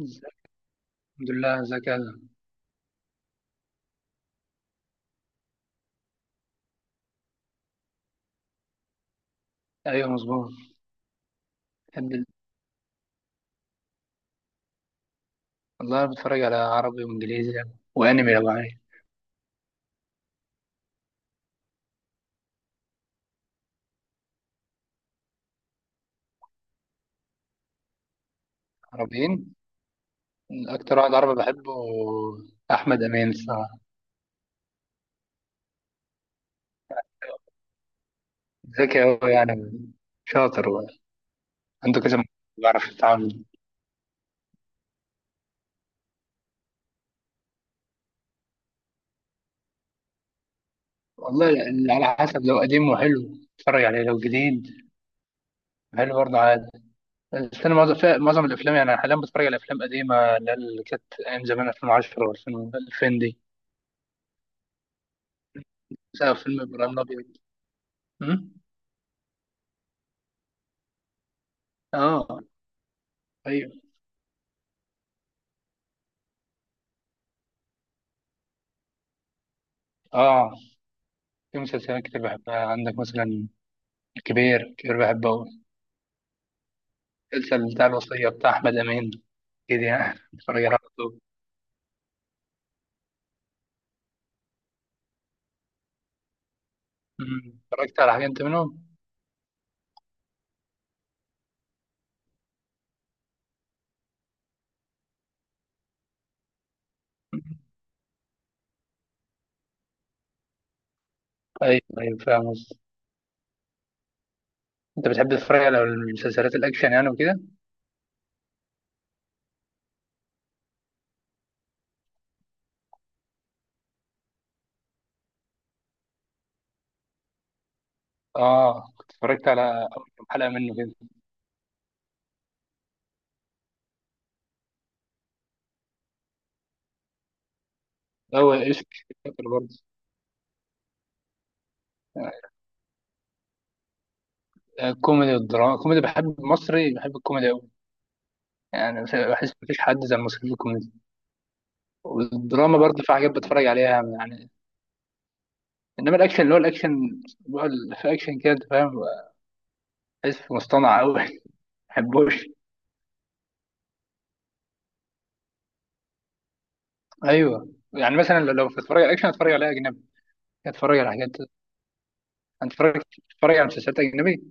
ازيك؟ الحمد لله. ازيك يا أزهر؟ ايوه، مظبوط. بحب ال- والله بتفرج على عربي وانجليزي يعني. وانمي لو عايز. عربيين. اكتر واحد عربي بحبه احمد امين الصراحه. ذكي قوي يعني، شاطر و- عنده بيعرف يتعامل. والله على حسب، لو قديم وحلو اتفرج عليه، لو جديد حلو برضه عادي. بس انا معظم الافلام يعني، أنا حاليا بتفرج على افلام قديمه، اللي هي اللي كانت ايام زمان 2010 و2000 دي. مثلا فيلم ابراهيم الابيض. أمم؟ اه. أيوة. اه، في مسلسلات كتير بحبها، عندك مثلا الكبير كبير بحبه أوي. المسلسل بتاع الوصية بتاع أحمد أمين، كده يعني بتفرج على طول. اتفرجت على حاجة أنت منهم؟ أيوه أيوه، فاهم قصدي. أنت بتحب تتفرج على المسلسلات الأكشن يعني وكده؟ آه، كنت اتفرجت على أول كام حلقة منه كده. هو إيش، فاكر برضه. آه، كوميدي والدراما، كوميدي، بحب المصري، بحب الكوميدي أوي يعني. بحس مفيش حد زي المصري في الكوميدي. والدراما برضه في حاجات بتفرج عليها يعني. انما الاكشن، اللي هو الاكشن بقى، اللي في اكشن كده، انت فاهم، بحس مصطنع قوي. ما بحبوش. ايوه، يعني مثلا لو بتتفرج على اكشن اتفرج على اجنبي. اتفرج على حاجات، اتفرج اتفرج على مسلسلات اجنبي،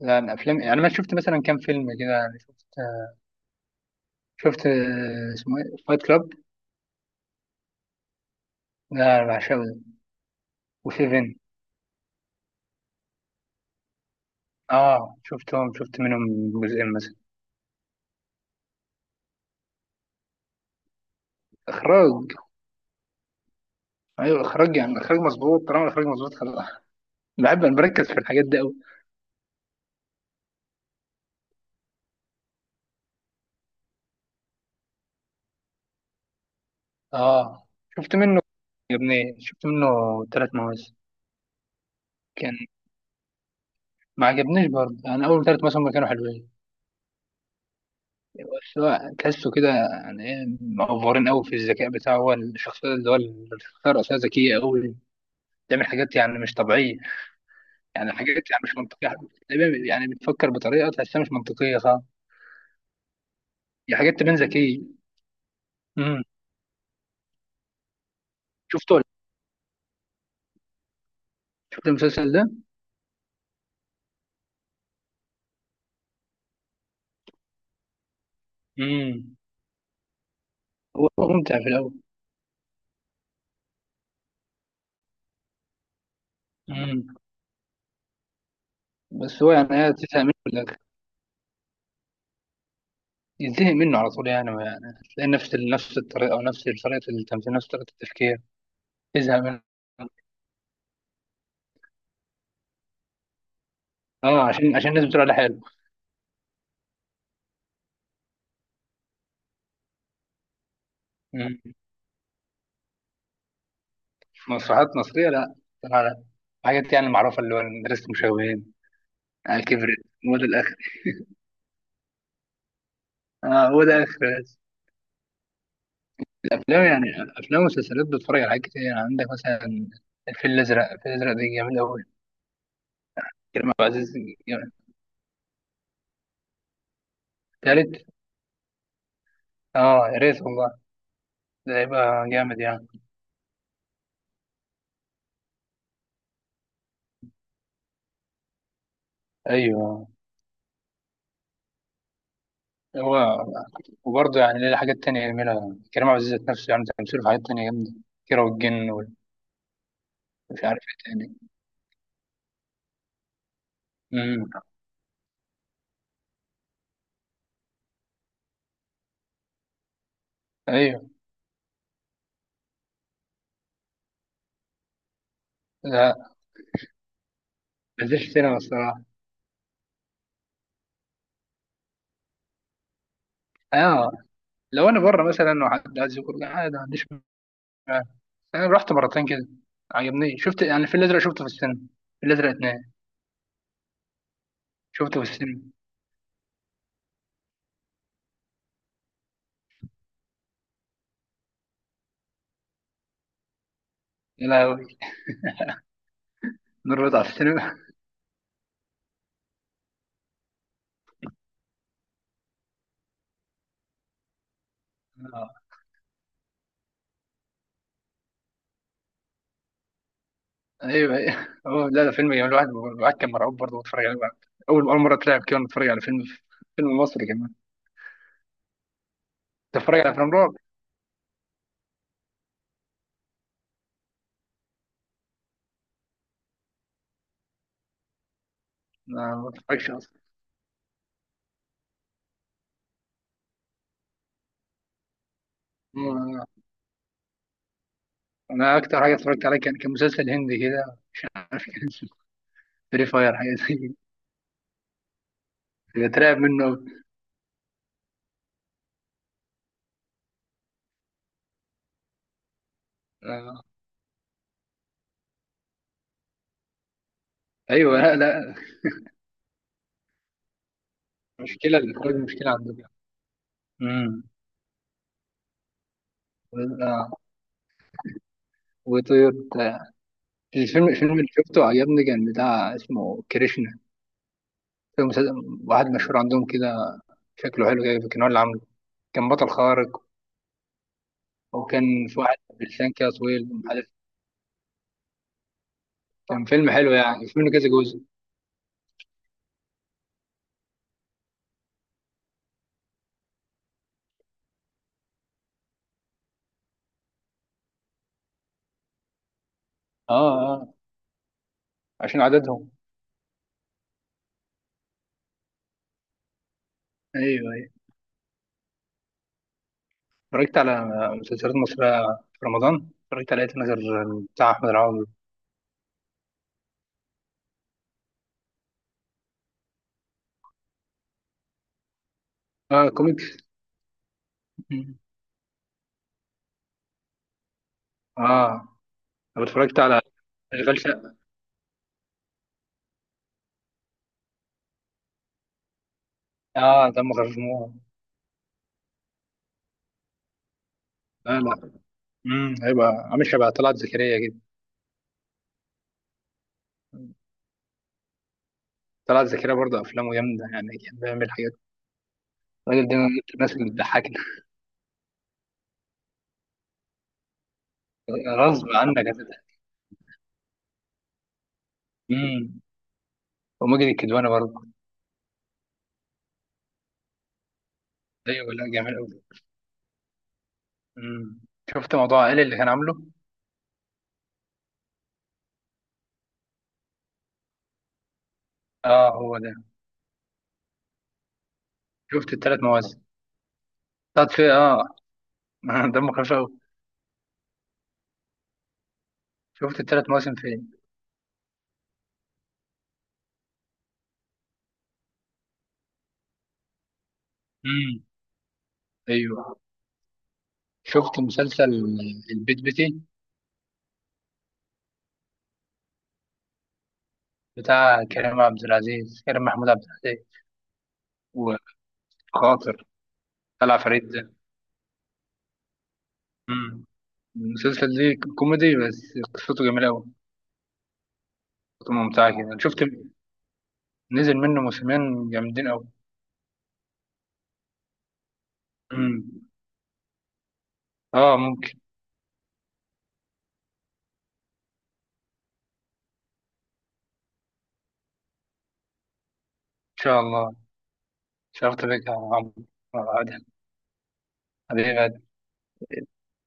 يعني افلام. يعني انا شفت مثلا كام فيلم كده، يعني شفت اسمه ايه، فايت كلاب، لا بعشقه ده. وسيفن. اه شفتهم، شفت منهم جزئين مثلا. اخراج. ايوه اخراج يعني، اخراج مظبوط، طالما الاخراج مظبوط خلاص. بحب انا بركز في الحاجات دي. اه، شفت منه، عجبني، شفت منه ثلاث مواسم. كان ما عجبنيش برضه يعني، اول ثلاث مواسم كانوا حلوين. بس هو تحسه كده، يعني ايه، مأفورين قوي في الذكاء بتاعه. هو الشخصيه، اللي هو الشخصيه الرئيسيه، ذكيه قوي. بتعمل حاجات يعني مش طبيعيه. يعني حاجات يعني مش منطقيه تقريباً. يعني بتفكر بطريقه تحسها مش منطقيه، صح؟ هي حاجات تبان ذكيه. امم. شفته؟ شفت المسلسل ده. امم هو ممتع في الاول. امم بس هو يعني ايه، تفهم منه ينتهي منه على طول. يعني يعني تلاقي نفس الطريقه، او نفس طريقه التمثيل، نفس طريقه التفكير، يزهق منه. اه، عشان الناس بتقول عليه حلو. مم. مسرحيات مصريه لا. طلع لا، حاجات يعني معروفه اللي هو مدرسه المشاغبين. آه، كبرت. هو ده الاخر. اه هو ده اخر. افلام، يعني افلام ومسلسلات بتتفرج على حاجات كتير، يعني عندك مثلا الفيل الازرق. الفيل الازرق ده جامد قوي. كريم عبد العزيز. جامد. تالت. اه يا ريت والله، ده هيبقى جامد يعني. ايوه. هو وبرضه يعني ليه حاجات تانية جميلة. كريم عبد العزيز ذات نفسه، يعني تمثيله في حاجات تانية جامدة. كيرة والجن، ومش عارف ايه تاني. امم. ايوه. لا، مفيش سينما الصراحة. اه، لو انا بره مثلا وحد عايز يخرج عادي، ما عنديش مانع. انا رحت مرتين كده، عجبني. شفت يعني في الازرق، شفته في السينما. في الازرق اتنين شفته في السينما. يا لهوي، نور رضا على السينما. آه. ايوه ايوه. هو لا، ده فيلم جميل. الواحد، الواحد كان مرعوب برضه بيتفرج عليه. اول، اول مرة اترعب كده وأنا بتفرج على فيلم مصري كمان. تتفرج على افلام رعب؟ أنا ما بتفرجش اصلا. أنا أنا أكتر حاجة اتفرجت عليها، كان مسلسل هندي كده، مش عارف كان اسمه فري فاير، حاجة زي كده. كنت بترعب منه أوي. آه. أيوه، لا لا، مشكلة الإخراج، مشكلة عندك. امم. آه. وطير بتاع. الفيلم اللي شفته عجبني، كان بتاع اسمه كريشنا. فيلم، مسلسل، واحد مشهور عندهم كده. شكله حلو كده، كان هو اللي عامله. كان بطل خارق. وكان في واحد بلسان كده طويل، مش عارف. كان فيلم حلو يعني، في منه كذا جزء. اه اه، عشان عددهم. ايوه. أيوة. اتفرجت على مسلسلات مصرية. في رمضان اتفرجت على ايه نظر، بتاع أحمد العوضي. اه، كوميكس. مم. اه. طب اتفرجت على أشغال شقة. اه دمه خفيف موت. لا لا. هيبقى عامل شبه طلعت زكريا كده. طلعت زكريا برضه أفلامه جامدة يعني، كان بيعمل حاجات. الراجل ده من الناس اللي بتضحكنا. غصب عنك هتضحك. امم. وماجد الكدواني برضه. ايوه، لا جامد أوي. امم. شفت موضوع عائلي اللي كان عامله. اه هو ده. شفت الثلاث مواسم، طلعت فيه اه. دمه خفيف أوي. شفت الثلاث مواسم فين؟ امم. ايوه. شفت مسلسل البيت بيتي، بتاع كريم عبد العزيز، كريم محمود عبد العزيز، وخاطر. طلع فريد ده. امم. المسلسل ده كوميدي، بس قصته جميلة أوي. قصته ممتعة كده. أنا شفت نزل منه موسمين جامدين أوي. امم. اه ممكن. إن شاء الله. شرفت بك يا عمرو. آه، عادل. حبيبي.